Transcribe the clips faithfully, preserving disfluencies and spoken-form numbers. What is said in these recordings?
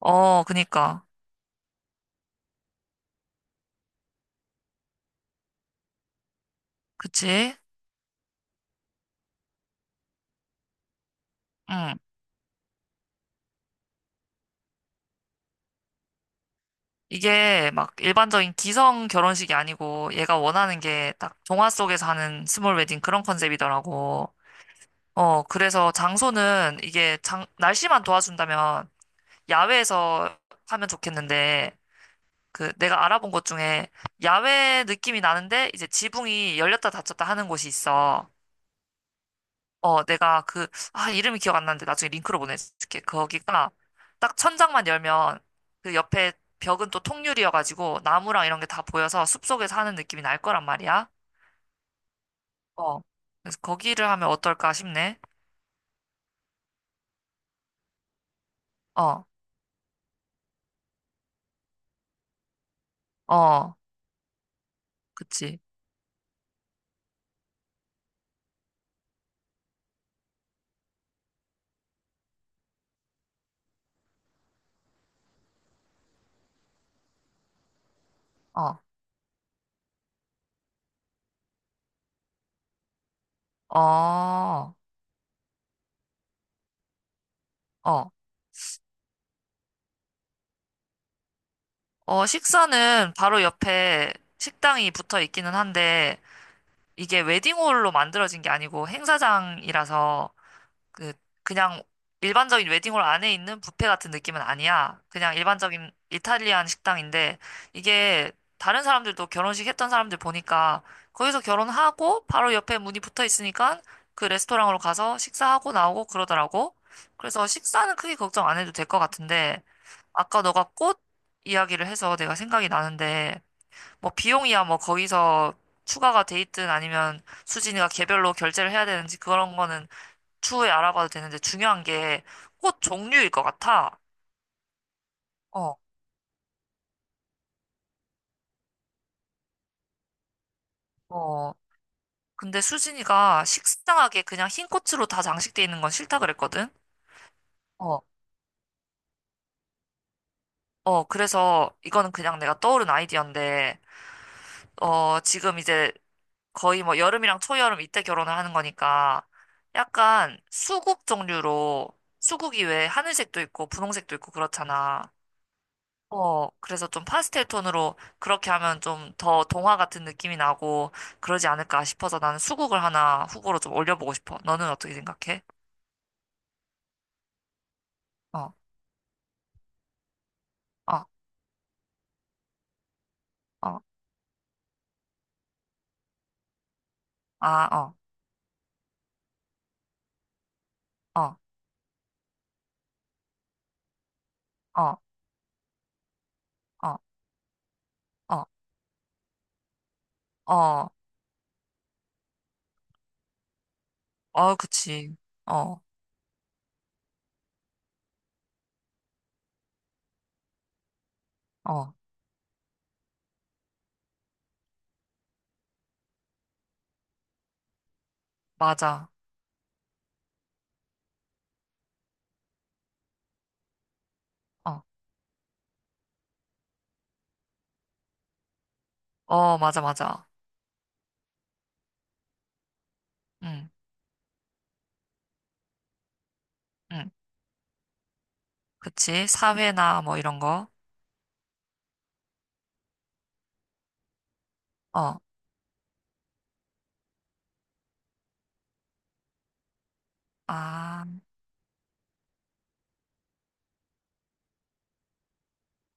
어, 그니까. 그치? 응. 이게 막 일반적인 기성 결혼식이 아니고 얘가 원하는 게 딱 동화 속에서 하는 스몰 웨딩 그런 컨셉이더라고. 어, 그래서 장소는 이게 장, 날씨만 도와준다면 야외에서 하면 좋겠는데 그 내가 알아본 곳 중에 야외 느낌이 나는데 이제 지붕이 열렸다 닫혔다 하는 곳이 있어. 어, 내가 그, 아, 이름이 기억 안 나는데 나중에 링크로 보내줄게. 거기가 딱 천장만 열면 그 옆에 벽은 또 통유리여가지고 나무랑 이런 게 다 보여서 숲속에서 하는 느낌이 날 거란 말이야. 어. 그래서 거기를 하면 어떨까 싶네. 어, 어, 그치. 어, 어, 어. 어, 식사는 바로 옆에 식당이 붙어 있기는 한데 이게 웨딩홀로 만들어진 게 아니고 행사장이라서 그 그냥 일반적인 웨딩홀 안에 있는 뷔페 같은 느낌은 아니야. 그냥 일반적인 이탈리안 식당인데 이게 다른 사람들도 결혼식 했던 사람들 보니까 거기서 결혼하고 바로 옆에 문이 붙어 있으니까 그 레스토랑으로 가서 식사하고 나오고 그러더라고. 그래서 식사는 크게 걱정 안 해도 될 것 같은데 아까 너가 꽃 이야기를 해서 내가 생각이 나는데 뭐 비용이야 뭐 거기서 추가가 돼 있든 아니면 수진이가 개별로 결제를 해야 되는지 그런 거는 추후에 알아봐도 되는데 중요한 게 꽃 종류일 것 같아. 어, 어. 근데 수진이가 식상하게 그냥 흰 꽃으로 다 장식돼 있는 건 싫다 그랬거든? 어, 어. 그래서 이거는 그냥 내가 떠오른 아이디어인데, 어, 지금 이제 거의 뭐 여름이랑 초여름 이때 결혼을 하는 거니까 약간 수국 종류로 수국이 왜 하늘색도 있고 분홍색도 있고 그렇잖아. 어, 그래서 좀 파스텔 톤으로 그렇게 하면 좀 더 동화 같은 느낌이 나고 그러지 않을까 싶어서 나는 수국을 하나 후보로 좀 올려보고 싶어. 너는 어떻게 생각해? 어, 어, 어, 아, 어, 어, 어, 어, 어, 어, 어, 그치. 어, 어, 맞아. 어, 어, 맞아, 맞아. 응, 응, 그치. 사회나 뭐 이런 거. 어, 아,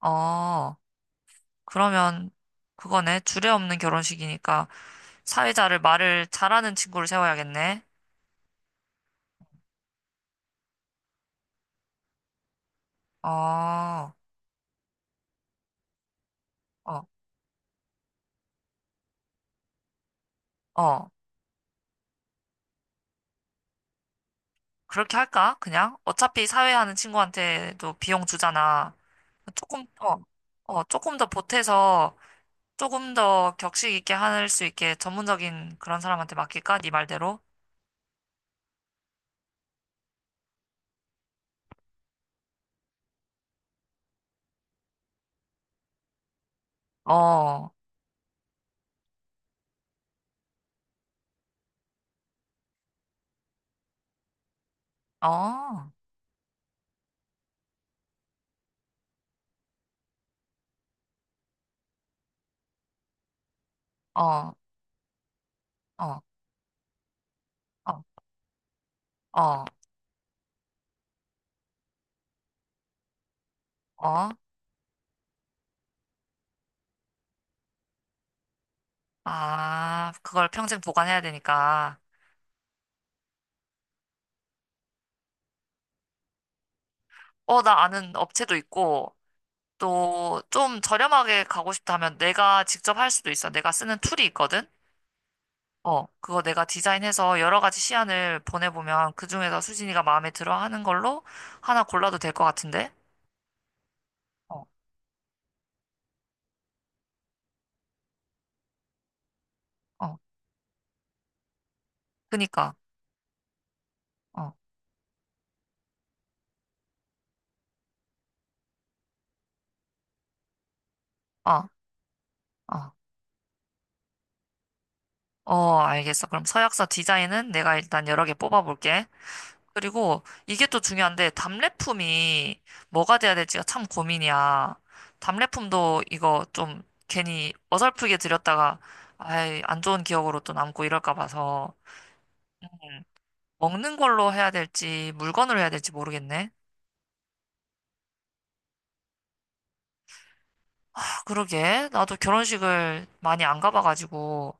어, 그러면 그거네. 주례 없는 결혼식이니까. 사회자를 말을 잘하는 친구를 세워야겠네. 어, 어, 어. 그렇게 할까? 그냥? 어차피 사회하는 친구한테도 비용 주잖아. 조금, 어, 어, 조금 더 보태서 조금 더 격식 있게 할 수 있게 전문적인 그런 사람한테 맡길까? 네 말대로? 어, 어, 어, 어, 어, 어, 어. 아, 그걸 평생 보관해야 되니까. 어, 나 아는 업체도 있고, 또 좀 저렴하게 가고 싶다면 내가 직접 할 수도 있어. 내가 쓰는 툴이 있거든? 어, 그거 내가 디자인해서 여러 가지 시안을 보내보면 그중에서 수진이가 마음에 들어 하는 걸로 하나 골라도 될 것 같은데? 어, 어, 그니까. 어, 어, 어. 어, 알겠어. 그럼 서약서 디자인은 내가 일단 여러 개 뽑아볼게. 그리고 이게 또 중요한데 답례품이 뭐가 돼야 될지가 참 고민이야. 답례품도 이거 좀 괜히 어설프게 드렸다가 아이 안 좋은 기억으로 또 남고 이럴까 봐서 먹는 걸로 해야 될지 물건으로 해야 될지 모르겠네. 아, 그러게 나도 결혼식을 많이 안 가봐가지고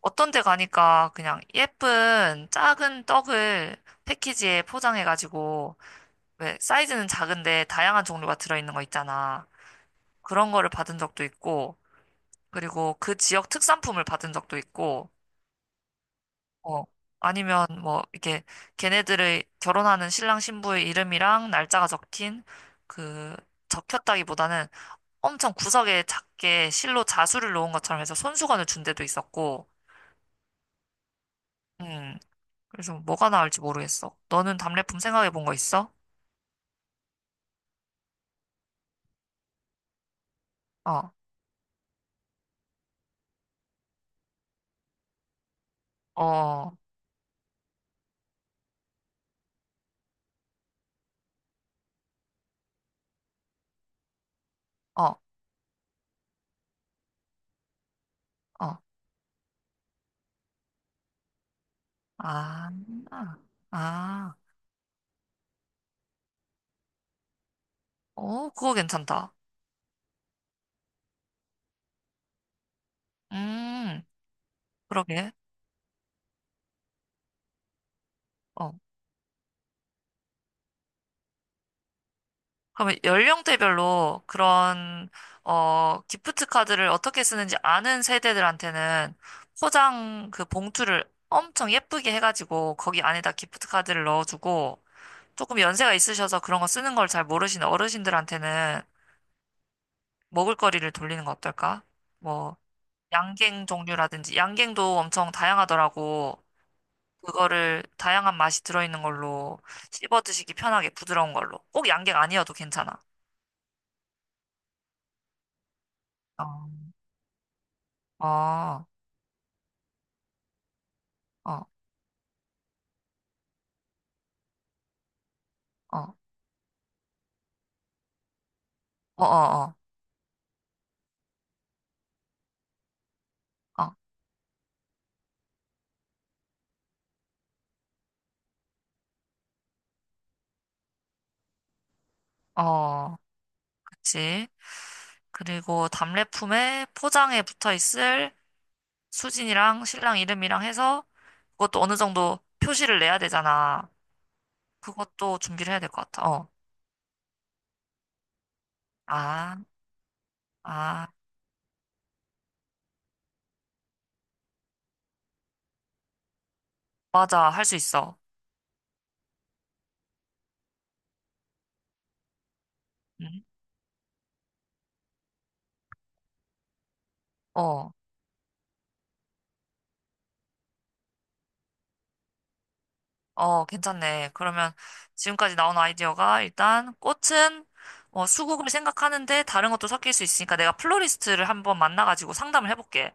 어떤 데 가니까 그냥 예쁜 작은 떡을 패키지에 포장해가지고 왜 사이즈는 작은데 다양한 종류가 들어있는 거 있잖아. 그런 거를 받은 적도 있고, 그리고 그 지역 특산품을 받은 적도 있고, 어, 아니면 뭐, 이렇게 걔네들의 결혼하는 신랑 신부의 이름이랑 날짜가 적힌 그, 적혔다기보다는 엄청 구석에 작게 실로 자수를 놓은 것처럼 해서 손수건을 준 데도 있었고, 음, 그래서 뭐가 나을지 모르겠어. 너는 답례품 생각해 본 거 있어? 어, 어, 어, 어, 아, 아, 어, 그거 괜찮다. 음, 그러게. 어. 그러면 연령대별로 그런, 어, 기프트 카드를 어떻게 쓰는지 아는 세대들한테는 포장 그 봉투를 엄청 예쁘게 해가지고 거기 안에다 기프트 카드를 넣어주고 조금 연세가 있으셔서 그런 거 쓰는 걸 잘 모르시는 어르신들한테는 먹을거리를 돌리는 거 어떨까? 뭐, 양갱 종류라든지, 양갱도 엄청 다양하더라고. 그거를 다양한 맛이 들어있는 걸로 씹어 드시기 편하게 부드러운 걸로. 꼭 양갱 아니어도 괜찮아. 어. 어. 어. 어, 어, 어, 어, 어, 어, 그치. 그리고 답례품에 포장에 붙어 있을 수진이랑 신랑 이름이랑 해서 그것도 어느 정도 표시를 내야 되잖아. 그것도 준비를 해야 될 것 같아. 어. 아, 아, 맞아. 할 수 있어. 응? 어, 어, 괜찮네. 그러면 지금까지 나온 아이디어가 일단 꽃은 어, 수국을 생각하는데 다른 것도 섞일 수 있으니까 내가 플로리스트를 한번 만나가지고 상담을 해볼게.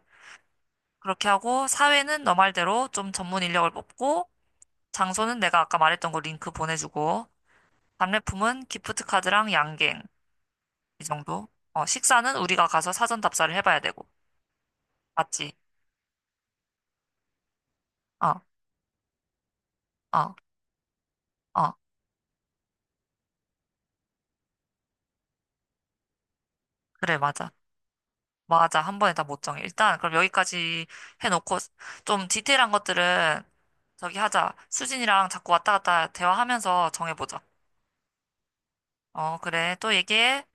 그렇게 하고 사회는 너 말대로 좀 전문 인력을 뽑고 장소는 내가 아까 말했던 거 링크 보내주고 답례품은 기프트 카드랑 양갱 이 정도. 어, 식사는 우리가 가서 사전 답사를 해봐야 되고 맞지? 어, 어, 어, 그래 맞아. 맞아. 한 번에 다 못 정해. 일단 그럼 여기까지 해놓고 좀 디테일한 것들은 저기 하자. 수진이랑 자꾸 왔다 갔다 대화하면서 정해보자. 어, 그래. 또 얘기해.